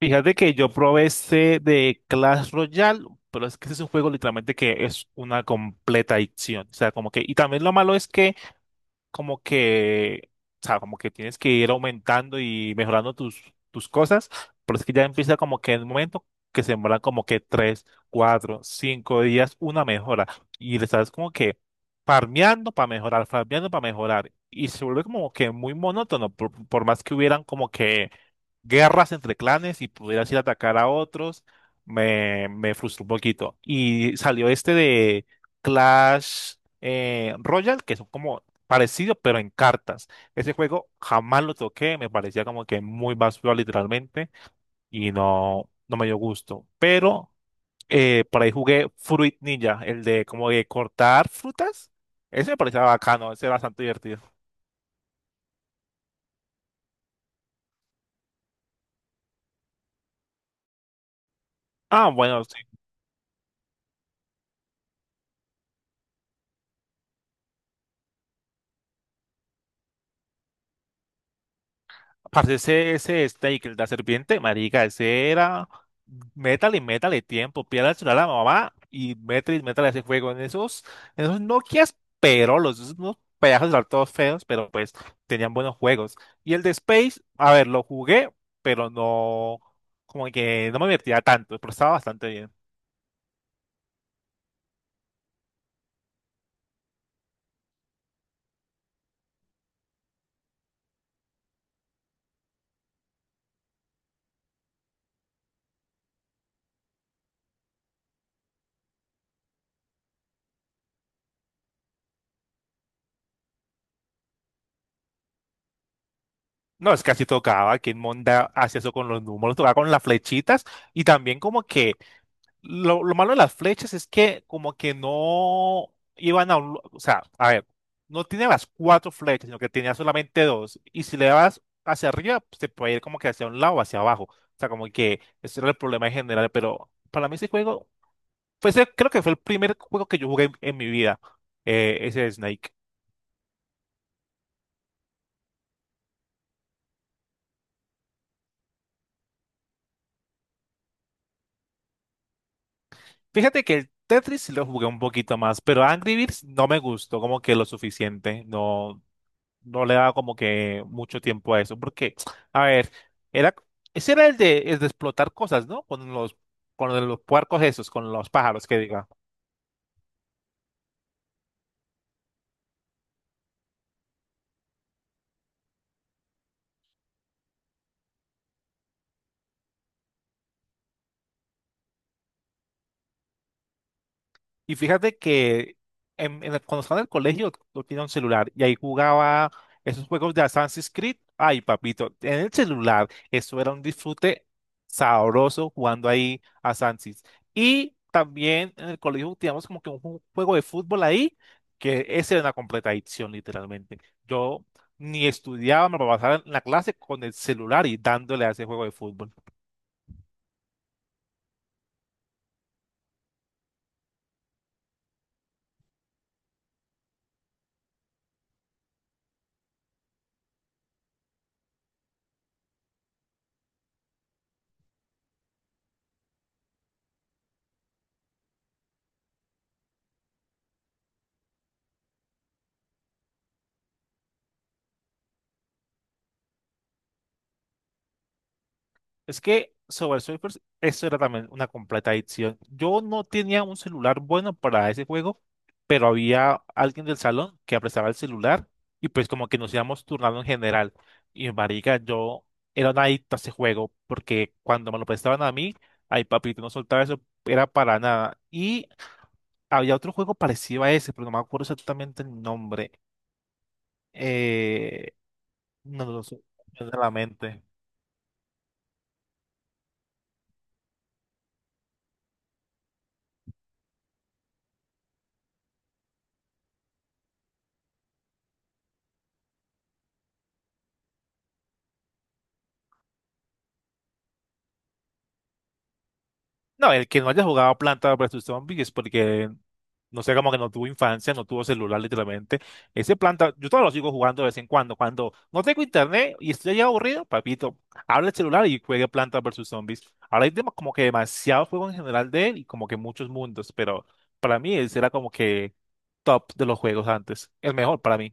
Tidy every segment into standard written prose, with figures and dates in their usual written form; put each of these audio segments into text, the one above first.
Fíjate que yo probé ese de Clash Royale, pero es que ese es un juego literalmente que es una completa adicción. O sea, y también lo malo es que, o sea, como que tienes que ir aumentando y mejorando tus cosas, pero es que ya empieza como que en el momento que se demoran como que tres, cuatro, cinco días una mejora. Y le estás como que farmeando para mejorar, farmeando para mejorar. Y se vuelve como que muy monótono, por más que hubieran como que guerras entre clanes y pudieras ir a atacar a otros, me frustró un poquito. Y salió este de Clash Royale, que son como parecido, pero en cartas. Ese juego jamás lo toqué, me parecía como que muy basura literalmente y no me dio gusto. Pero por ahí jugué Fruit Ninja, el de como de cortar frutas. Ese me parecía bacano, ese era bastante divertido. Ah, bueno. Parce, ese Snake, el de la serpiente, marica, ese era. Métale, métale tiempo, pídale el celular a la mamá y métale, métale ese juego en en esos Nokias perolos, esos unos pedazos de celular todos feos, pero pues tenían buenos juegos. Y el de Space, a ver, lo jugué, pero no, como que no me divertía tanto, pero estaba bastante bien. No, es que así tocaba, que Monda hacía eso con los números, tocaba con las flechitas y también como que lo malo de las flechas es que como que no iban a un... lu- O sea, a ver, no tiene las cuatro flechas, sino que tenía solamente dos. Y si le das hacia arriba, pues, te puede ir como que hacia un lado o hacia abajo. O sea, como que ese era el problema en general. Pero para mí ese juego, fue ese- creo que fue el primer juego que yo jugué en mi vida, ese Snake. Fíjate que el Tetris sí lo jugué un poquito más, pero Angry Birds no me gustó como que lo suficiente. No, no le daba como que mucho tiempo a eso, porque, a ver, era, ese era el de explotar cosas, ¿no? Con con los puercos esos, con los pájaros, que diga. Y fíjate que cuando estaba en el colegio yo tenía un celular y ahí jugaba esos juegos de Assassin's Creed. Ay, papito, en el celular eso era un disfrute sabroso jugando ahí a Assassin's. Y también en el colegio teníamos como que un ju- juego de fútbol ahí, que ese era una completa adicción literalmente. Yo ni estudiaba, me pasaba en la clase con el celular y dándole a ese juego de fútbol. Es que sobre Surfers, eso era también una completa adicción. Yo no tenía un celular bueno para ese juego, pero había alguien del salón que prestaba el celular y pues como que nos íbamos turnando en general. Y marica, yo era un adicto a ese juego porque cuando me lo prestaban a mí, ay papito, no soltaba eso, era para nada. Y había otro juego parecido a ese, pero no me acuerdo exactamente el nombre. Eh, no lo sé, no me viene a la mente. No, el que no haya jugado Planta versus Zombies es porque, no sé, como que no tuvo infancia, no tuvo celular literalmente. Ese Planta, yo todavía lo sigo jugando de vez en cuando. Cuando no tengo internet y estoy ya aburrido, papito, abre el celular y juegue Planta versus Zombies. Ahora hay dem- como que demasiado juego en general de él y como que muchos mundos, pero para mí ese era como que top de los juegos antes. El mejor para mí.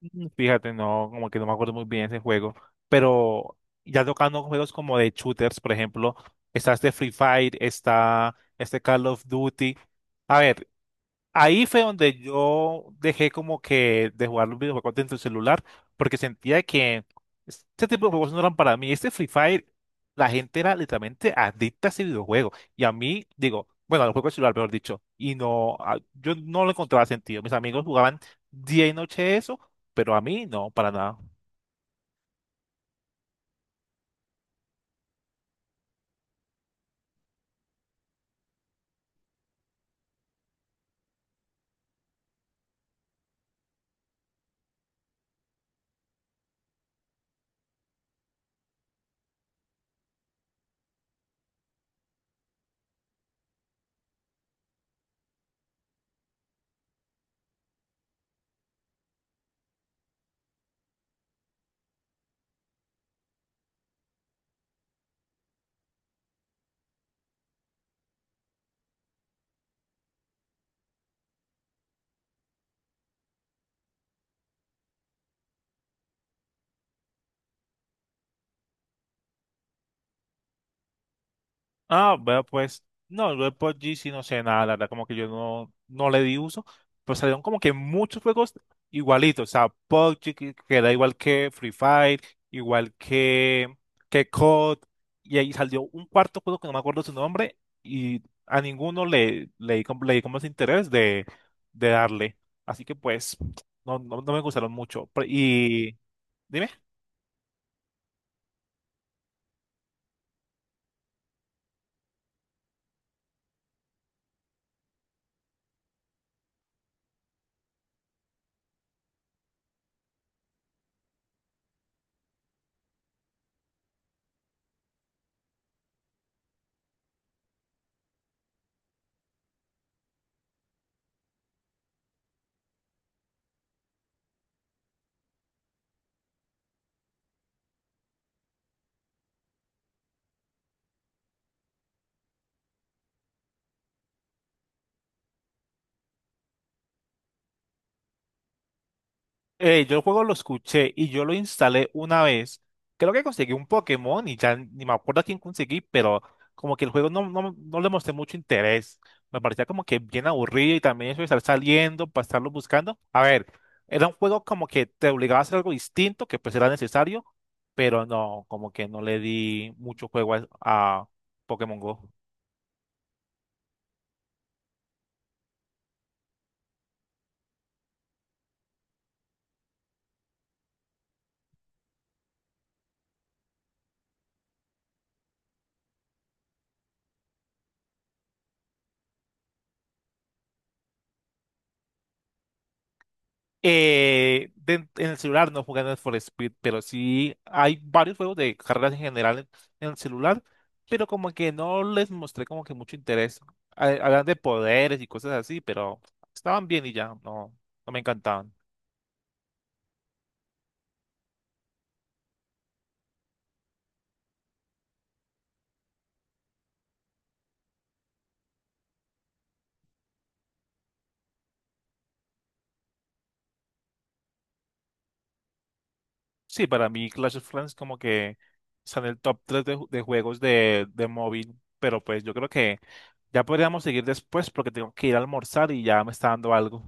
Mm, fíjate, no, como que no me acuerdo muy bien ese juego, pero ya tocando juegos como de shooters, por ejemplo, está este Free Fire, está este Call of Duty. A ver, ahí fue donde yo dejé como que de jugar los videojuegos dentro del celular, porque sentía que este tipo de juegos no eran para mí. Este Free Fire, la gente era literalmente adicta a ese videojuego. Y a mí, digo, bueno, al juego de celular, mejor dicho, y no, a- yo no lo encontraba sentido. Mis amigos jugaban día y noche eso, pero a mí no, para nada. Ah, bueno, pues, no, yo de PUBG sí no sé nada, la verdad, como que yo no, no le di uso, pero salieron como que muchos juegos igualitos, o sea, PUBG que era igual que Free Fire, igual que COD, y ahí salió un cuarto juego que no me acuerdo su nombre, y a ninguno di como- le di como ese interés de darle, así que pues, no me gustaron mucho, pero- y... dime. Yo el juego lo escuché y yo lo instalé una vez. Creo que conseguí un Pokémon y ya ni me acuerdo a quién conseguí, pero como que el juego no le mostré mucho interés. Me parecía como que bien aburrido y también eso de estar saliendo para estarlo buscando. A ver, era un juego como que te obligaba a hacer algo distinto, que pues era necesario, pero no, como que no le di mucho juego a Pokémon Go. De- en el celular no jugando For Speed, pero sí hay varios juegos de carreras en general en el celular, pero como que no les mostré como que mucho interés. Ha- Hablan de poderes y cosas así, pero estaban bien y ya, no, no me encantaban. Sí, para mí Clash of Clans como que está en el top 3 de, ju- de juegos de móvil, pero pues yo creo que ya podríamos seguir después porque tengo que ir a almorzar y ya me está dando algo.